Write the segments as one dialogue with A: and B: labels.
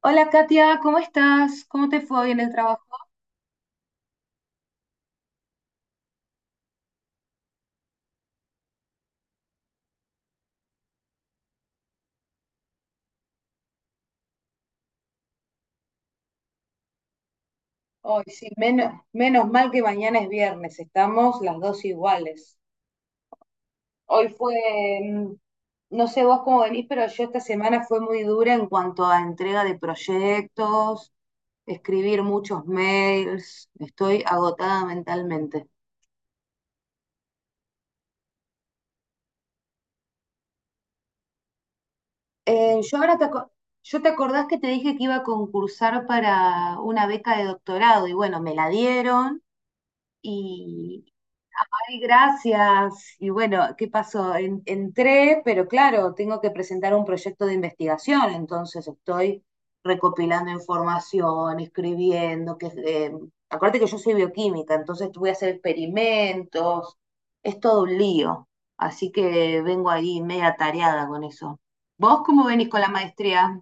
A: Hola Katia, ¿cómo estás? ¿Cómo te fue hoy en el trabajo? Hoy sí, menos mal que mañana es viernes, estamos las dos iguales. Hoy fue, mm, no sé vos cómo venís, pero yo esta semana fue muy dura en cuanto a entrega de proyectos, escribir muchos mails, estoy agotada mentalmente. Eh, yo ahora te, aco- yo, te acordás que te dije que iba a concursar para una beca de doctorado, y bueno, me la dieron. Ay, gracias. Y bueno, ¿qué pasó? Entré, pero claro, tengo que presentar un proyecto de investigación, entonces estoy recopilando información, escribiendo, que acuérdate que yo soy bioquímica, entonces voy a hacer experimentos, es todo un lío, así que vengo ahí media atareada con eso. ¿Vos cómo venís con la maestría?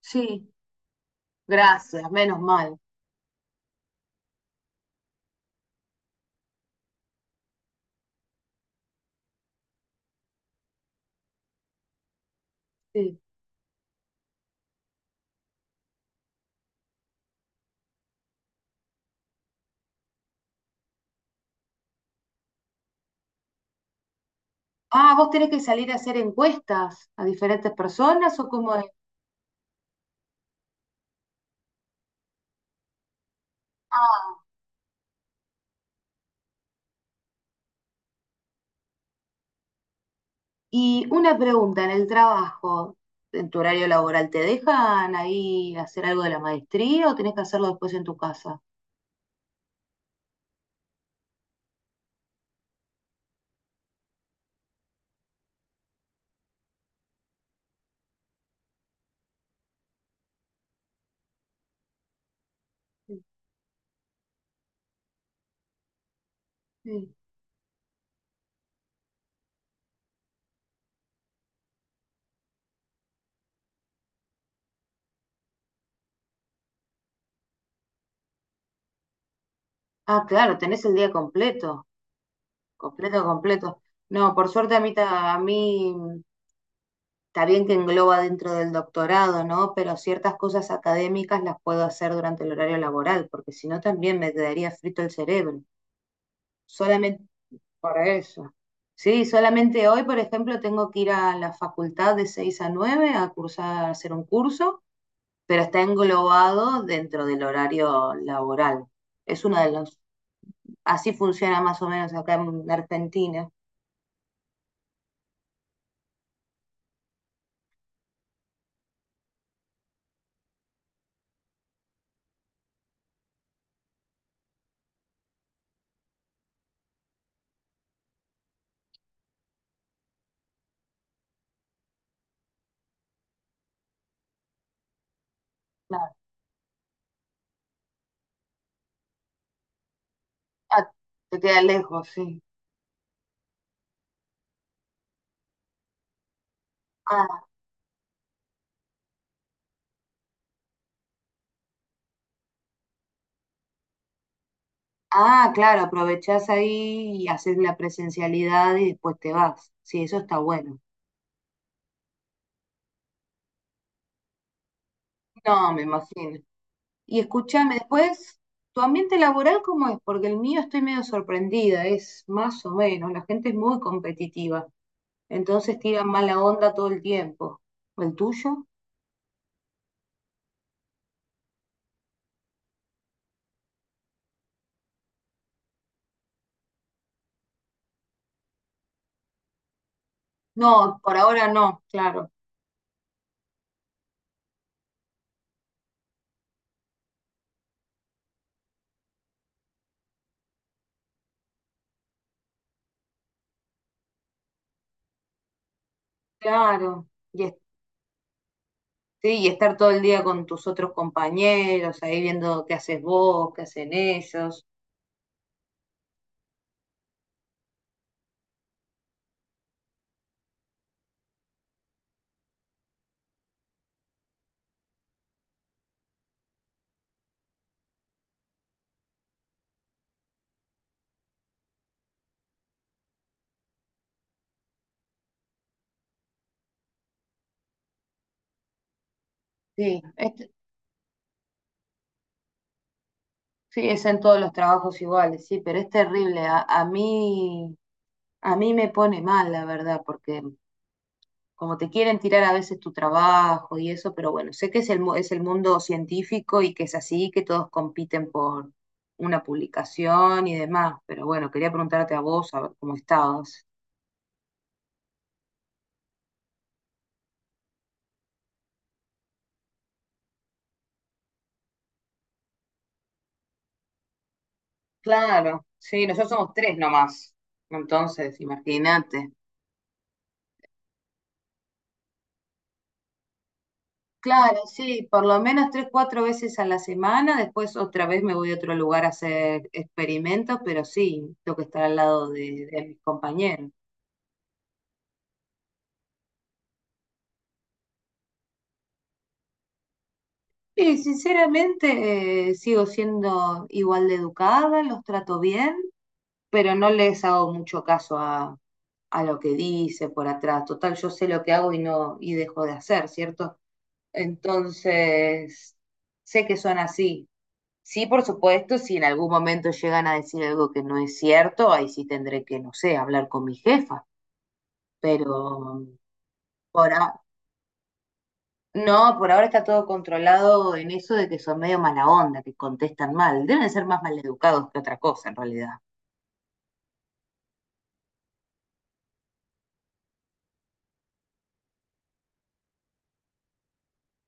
A: Sí, gracias, menos mal. Sí. Ah, ¿vos tenés que salir a hacer encuestas a diferentes personas o cómo es? Ah. Y una pregunta, en el trabajo, en tu horario laboral, ¿te dejan ahí hacer algo de la maestría o tenés que hacerlo después en tu casa? Sí. Ah, claro, tenés el día completo, completo, completo. No, por suerte a mí, está bien que engloba dentro del doctorado, ¿no? Pero ciertas cosas académicas las puedo hacer durante el horario laboral, porque si no también me quedaría frito el cerebro. Solamente. Por eso. Sí, solamente hoy, por ejemplo, tengo que ir a la facultad de 6 a 9 a cursar, a hacer un curso, pero está englobado dentro del horario laboral. Es uno de los, así funciona más o menos acá en Argentina. Claro. Ah, te queda lejos, sí. Ah, ah, claro, aprovechás ahí y haces la presencialidad y después te vas. Sí, eso está bueno. No, me imagino. Y escúchame, después, ¿tu ambiente laboral cómo es? Porque el mío, estoy medio sorprendida, es más o menos, la gente es muy competitiva, entonces tiran mala onda todo el tiempo. ¿El tuyo? No, por ahora no, claro, claro. Y, es- sí, y estar todo el día con tus otros compañeros, ahí viendo qué haces vos, qué hacen ellos. Sí, este- sí, es en todos los trabajos iguales, sí, pero es terrible. A mí me pone mal, la verdad, porque como te quieren tirar a veces tu trabajo y eso, pero bueno, sé que es es el mundo científico y que es así, que todos compiten por una publicación y demás, pero bueno, quería preguntarte a vos, a ver cómo estabas. Claro, sí, nosotros somos tres nomás. Entonces, imagínate. Claro, sí, por lo menos tres, cuatro veces a la semana, después otra vez me voy a otro lugar a hacer experimentos, pero sí, tengo que estar al lado de mis compañeros. Y sinceramente sigo siendo igual de educada, los trato bien, pero no les hago mucho caso a lo que dice por atrás. Total, yo sé lo que hago y no, y dejo de hacer, ¿cierto? Entonces, sé que son así. Sí, por supuesto, si en algún momento llegan a decir algo que no es cierto, ahí sí tendré que, no sé, hablar con mi jefa. Pero por, a- no, por ahora está todo controlado en eso de que son medio mala onda, que contestan mal. Deben ser más maleducados que otra cosa en realidad.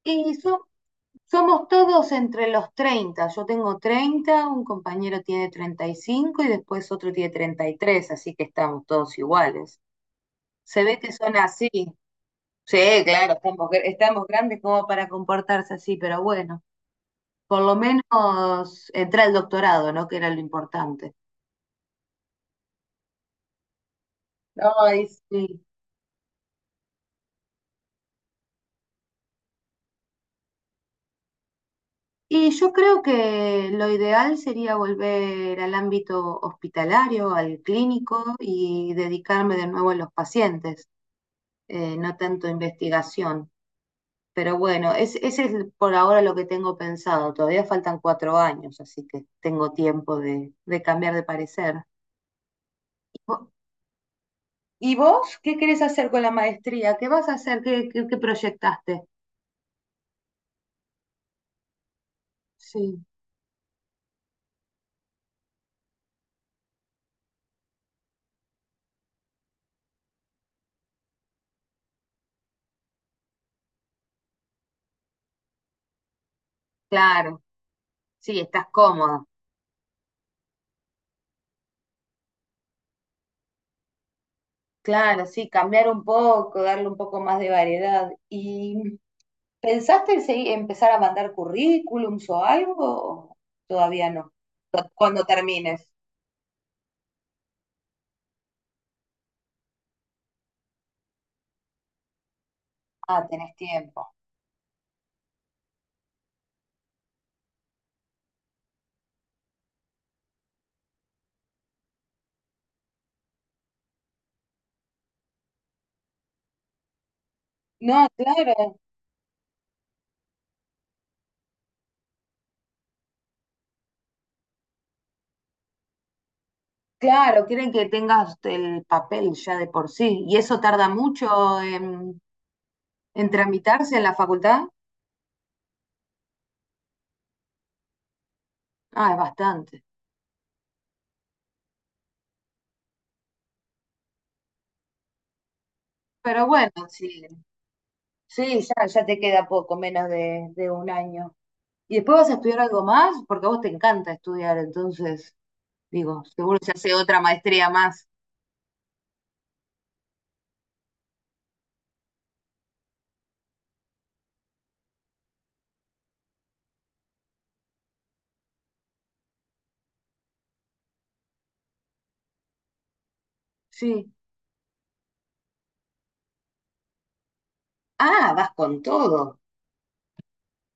A: Y so- Somos todos entre los 30. Yo tengo 30, un compañero tiene 35 y después otro tiene 33. Así que estamos todos iguales. Se ve que son así. Sí, claro, estamos grandes como para comportarse así, pero bueno, por lo menos entré al doctorado, ¿no? Que era lo importante. Ay, sí. Y yo creo que lo ideal sería volver al ámbito hospitalario, al clínico y dedicarme de nuevo a los pacientes, no tanto investigación. Pero bueno, ese es por ahora lo que tengo pensado. Todavía faltan 4 años, así que tengo tiempo de cambiar de parecer. ¿Y vo- y vos qué querés hacer con la maestría? ¿Qué vas a hacer? ¿ Qué proyectaste? Sí, claro. Sí, estás cómoda. Claro, sí, cambiar un poco, darle un poco más de variedad. ¿Y pensaste en empezar a mandar currículums o algo? O todavía no. Cuando termines. Ah, tenés tiempo. No, claro, claro, quieren que tengas el papel ya de por sí. ¿Y eso tarda mucho en tramitarse en la facultad? Ah, es bastante. Pero bueno, sí, sí, ya, ya te queda poco, menos de 1 año. ¿Y después vas a estudiar algo más? Porque a vos te encanta estudiar, entonces, digo, seguro se hace otra maestría más. Sí. Ah, vas con todo.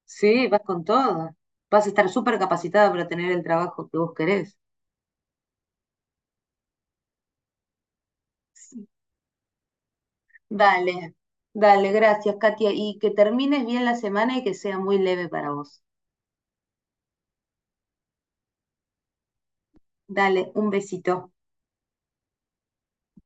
A: Sí, vas con todo. Vas a estar súper capacitada para tener el trabajo que vos querés. Sí. Dale, dale, gracias, Katia. Y que termines bien la semana y que sea muy leve para vos. Dale, un besito.